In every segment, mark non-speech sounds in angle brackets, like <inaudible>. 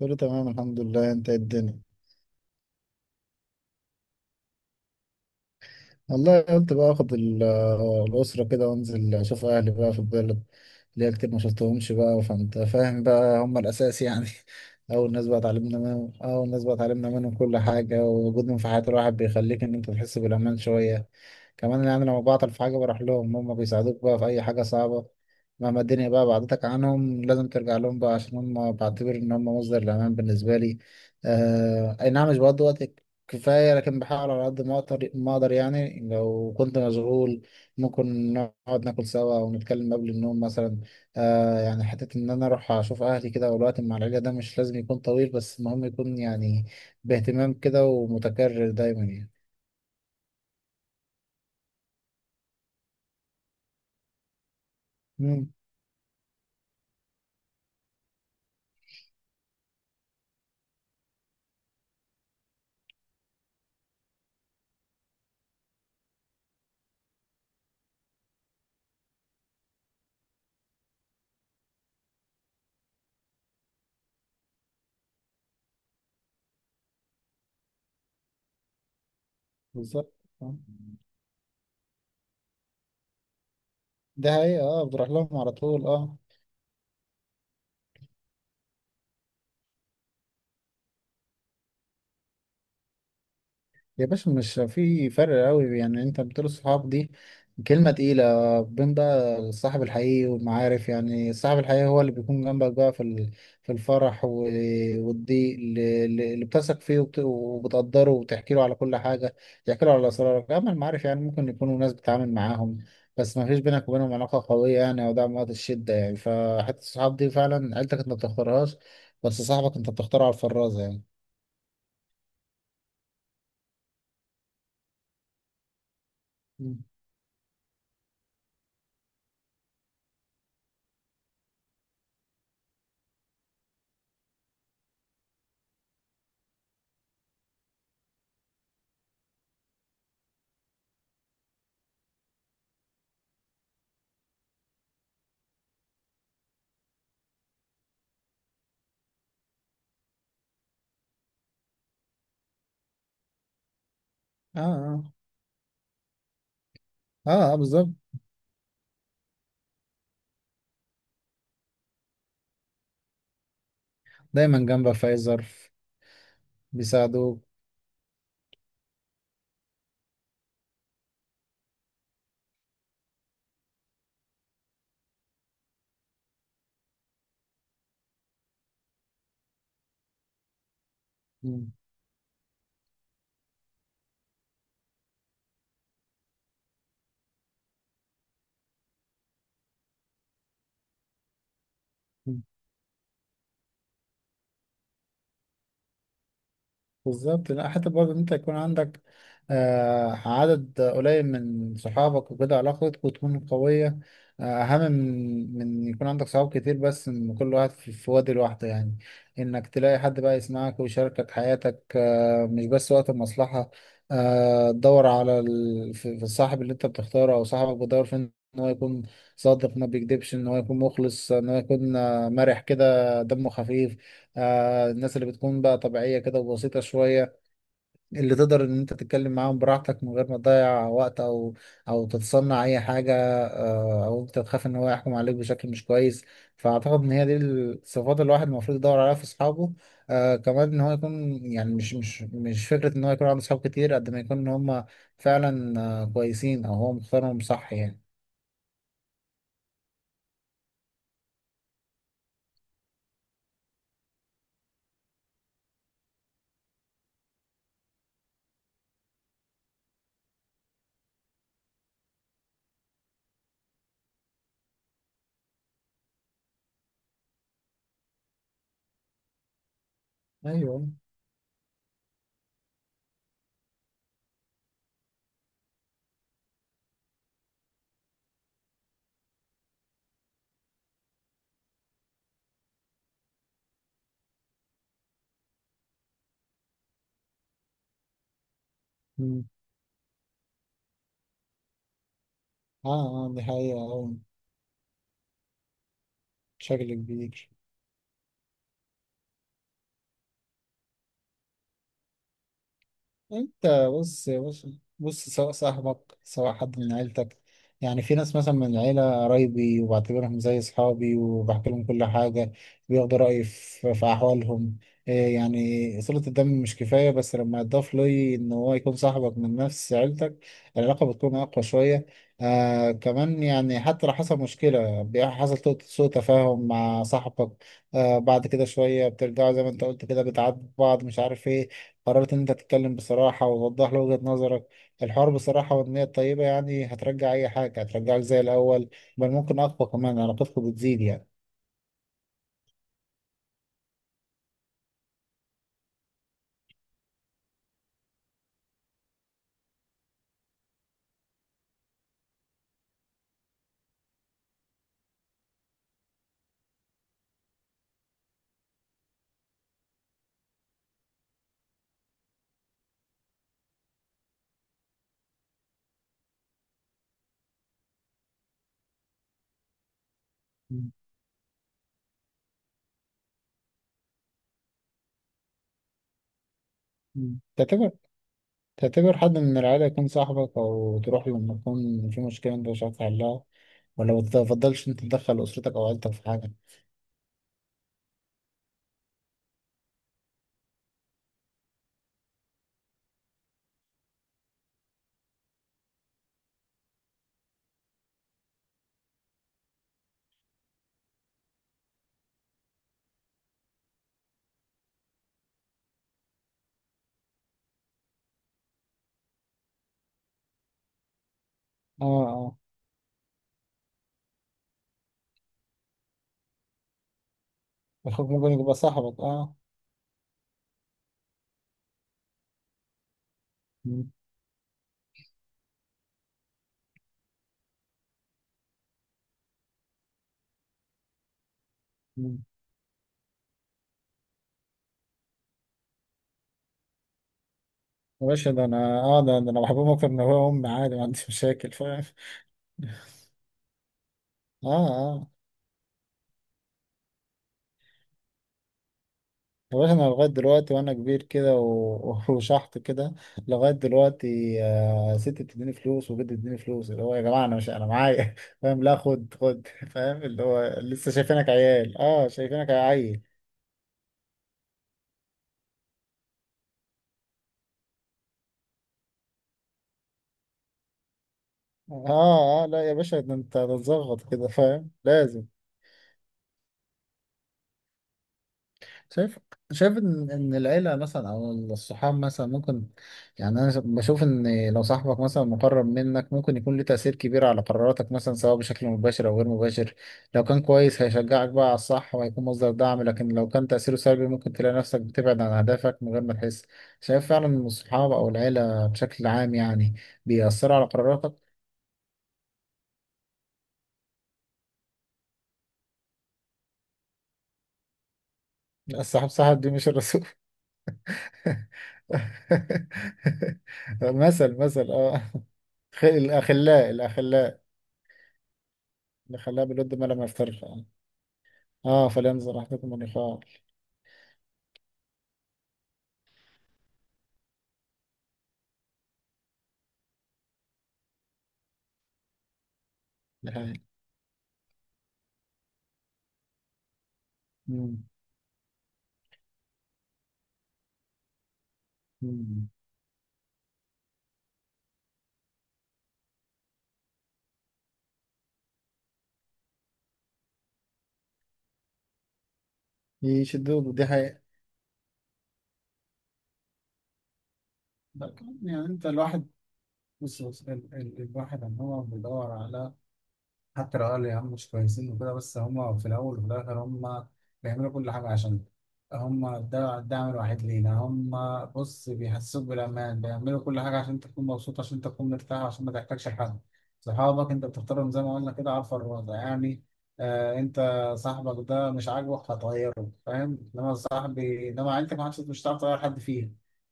كله تمام الحمد لله. انت ايه الدنيا؟ والله قلت بقى اخد الاسره كده وانزل اشوف اهلي بقى في البلد. ليا كتير ما شفتهمش بقى، فانت فاهم بقى، هم الاساس يعني. <laughs> اول ناس بقى اتعلمنا منهم كل حاجه، ووجودهم في حياه الواحد بيخليك انت تحس بالامان شويه كمان. يعني لما بعطل في حاجة بروح لهم، هم بيساعدوك بقى في أي حاجة صعبة. مهما الدنيا بقى بعدتك عنهم، لازم ترجع لهم بقى، عشان هم بعتبر إن هم مصدر الأمان بالنسبة لي. آه أي نعم. مش بقضي وقت كفاية، لكن بحاول على قد ما أقدر. ما أقدر يعني لو كنت مشغول، ممكن نقعد ناكل سوا ونتكلم قبل النوم مثلا. آه يعني حتة إن أنا أروح أشوف أهلي كده. والوقت مع العيلة ده مش لازم يكون طويل، بس المهم يكون يعني باهتمام كده ومتكرر دايما يعني. مم، بالظبط. آه. ده هي اه بتروح لهم على طول اه. يا باشا، مش في فرق قوي؟ يعني انت بتقول الصحاب، دي كلمة تقيلة بين بقى الصاحب الحقيقي والمعارف. يعني الصاحب الحقيقي هو اللي بيكون جنبك بقى في في الفرح والضيق، اللي بتثق فيه وبتقدره وبتحكي له على كل حاجة، تحكي له على أسرارك. أما المعارف يعني ممكن يكونوا ناس بتتعامل معاهم بس ما فيش بينك وبينهم علاقة قوية يعني، أو دعم وقت الشدة يعني. فحتى الصحاب دي فعلا عيلتك أنت ما بتختارهاش، بس صاحبك أنت بتختاره على الفرازة يعني. اه اه. اه, آه بالظبط. دايما جنبك في اي ظرف، بيساعدوك. مم. مم. بالظبط. لا حتى برضه إن انت يكون عندك آه عدد قليل من صحابك وكده، علاقتك وتكون قوية، آه أهم من يكون عندك صحاب كتير بس من كل واحد في وادي لوحده يعني. إنك تلاقي حد بقى يسمعك ويشاركك حياتك، آه مش بس وقت المصلحة. آه تدور على ال... في الصاحب اللي أنت بتختاره أو صاحبك بتدور فين إن هو يكون صادق ما بيكذبش، إن هو يكون مخلص، إن هو يكون آه، مرح كده دمه خفيف. آه الناس اللي بتكون بقى طبيعية كده وبسيطة شوية، اللي تقدر إن أنت تتكلم معاهم براحتك من غير ما تضيع وقت، أو أو تتصنع أي حاجة، آه أو أنت تخاف إن هو يحكم عليك بشكل مش كويس. فأعتقد إن هي دي الصفات اللي الواحد المفروض يدور عليها في أصحابه. آه كمان إن هو يكون يعني مش فكرة إن هو يكون عنده أصحاب كتير قد ما يكون إن هم فعلا آه كويسين أو هو مختارهم صح يعني. ايوه. مم. اه اه دي حقيقة أوي بشكل كبير. انت بص. بص. بص، سواء صاحبك سواء حد من عيلتك، يعني في ناس مثلا من العيلة قرايبي وبعتبرهم زي أصحابي وبحكي لهم كل حاجة، بياخدوا رأيي في أحوالهم. إيه يعني صلة الدم مش كفاية، بس لما يضاف لي إن هو يكون صاحبك من نفس عيلتك، العلاقة بتكون أقوى شوية. آه كمان يعني حتى لو حصل مشكلة سوء تفاهم مع صاحبك، آه بعد كده شوية بترجعوا زي ما أنت قلت كده، بتعاتبوا بعض مش عارف إيه، قررت ان انت تتكلم بصراحة ووضح له وجهة نظرك. الحوار بصراحة والنية الطيبة يعني هترجع اي حاجة، هترجعك زي الاول، بل ممكن اقوى كمان، علاقتكم بتزيد يعني. مم. مم. تعتبر حد من العيلة يكون صاحبك او تروح له لما يكون في مشكلة انت مش عارف تحلها؟ ولا ما تفضلش انت تدخل اسرتك او عيلتك في حاجة؟ اه اه. اخوك ممكن يبقى صاحبك اه. مم. مم. يا باشا ده انا اه ده انا بحبهم اكتر من ابويا وامي عادي، ما عنديش مشاكل فاهم. اه اه. يا باشا انا لغايه دلوقتي، وانا كبير كده <laughs> وشحط كده، لغايه دلوقتي آه، ستي بتديني فلوس وجدي بيديني فلوس، اللي هو يا جماعه انا مش انا معايا <laughs> فاهم، لا خد خد <laughs> فاهم، اللي هو لسه شايفينك عيال اه شايفينك عيل. اه اه. لا يا باشا ده انت هتتظبط كده فاهم لازم. شايف. شايف ان العيله مثلا او الصحاب مثلا ممكن، يعني انا بشوف ان لو صاحبك مثلا مقرب منك ممكن يكون له تاثير كبير على قراراتك مثلا، سواء بشكل مباشر او غير مباشر. لو كان كويس هيشجعك بقى على الصح وهيكون مصدر دعم، لكن لو كان تاثيره سلبي ممكن تلاقي نفسك بتبعد عن اهدافك من غير ما تحس. شايف فعلا ان الصحاب او العيله بشكل عام يعني بيأثروا على قراراتك؟ لا، الصحاب صاحب دي مش الرسول. <laughs> مثل اه. <laughs> الأخلاء اللي خلاه بالود ما لم يفترق. اه فلينظر احدكم من يخاف. دي حقيقة. مم. مم. يشدوه، دي حقيقة. ده كان- يعني انت الواحد. بص بص، الواحد ان هو بيدور على، حتى لو قالوا يا عم مش كويسين وكده، بس هم في الأول وفي الآخر هم بيعملوا كل حاجة عشان، هم ده الدعم الوحيد لينا هم. بص بيحسسوك بالأمان، بيعملوا كل حاجة عشان تكون مبسوط، عشان تكون مرتاح، عشان ما تحتاجش حد. صحابك أنت بتختارهم زي ما قلنا كده على الفرازة يعني. آه أنت صاحبك ده مش عاجبك هتغيره فاهم، إنما صاحبي إنما عيلتك ما عادش مش هتعرف تغير حد فيها.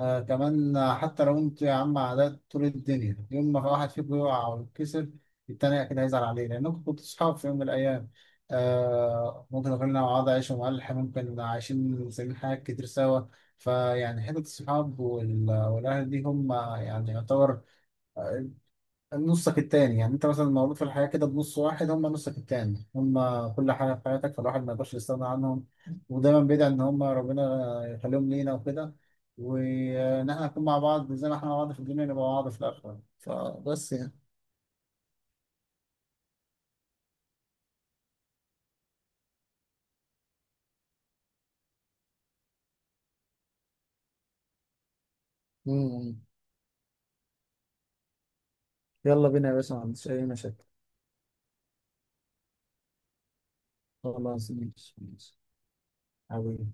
آه كمان حتى لو أنتوا يا عم عادات طول الدنيا، يوم ما واحد فيكم يقع أو يتكسر التاني أكيد هيزعل عليه، لأنكم كنتوا صحاب في يوم من الأيام. آه ممكن غيرنا مع بعض عايشة ملح، ممكن عايشين سنين حاجات كتير سوا. فيعني حتة الصحاب والأهل دي هم يعني يعتبر آه، نصك التاني. يعني أنت مثلا مولود في الحياة كده بنص واحد، هم نصك التاني، هم كل حاجة في حياتك، فالواحد ما يقدرش يستغنى عنهم. ودايما بيدعي إن هم ربنا يخليهم لينا وكده، وإن إحنا نكون مع بعض زي ما إحنا مع بعض في الدنيا، نبقى مع بعض في الآخرة. فبس يعني. مم. يلا بينا يا باشا، ما عنديش أي مشاكل. خلاص ماشي ماشي. حبيبي.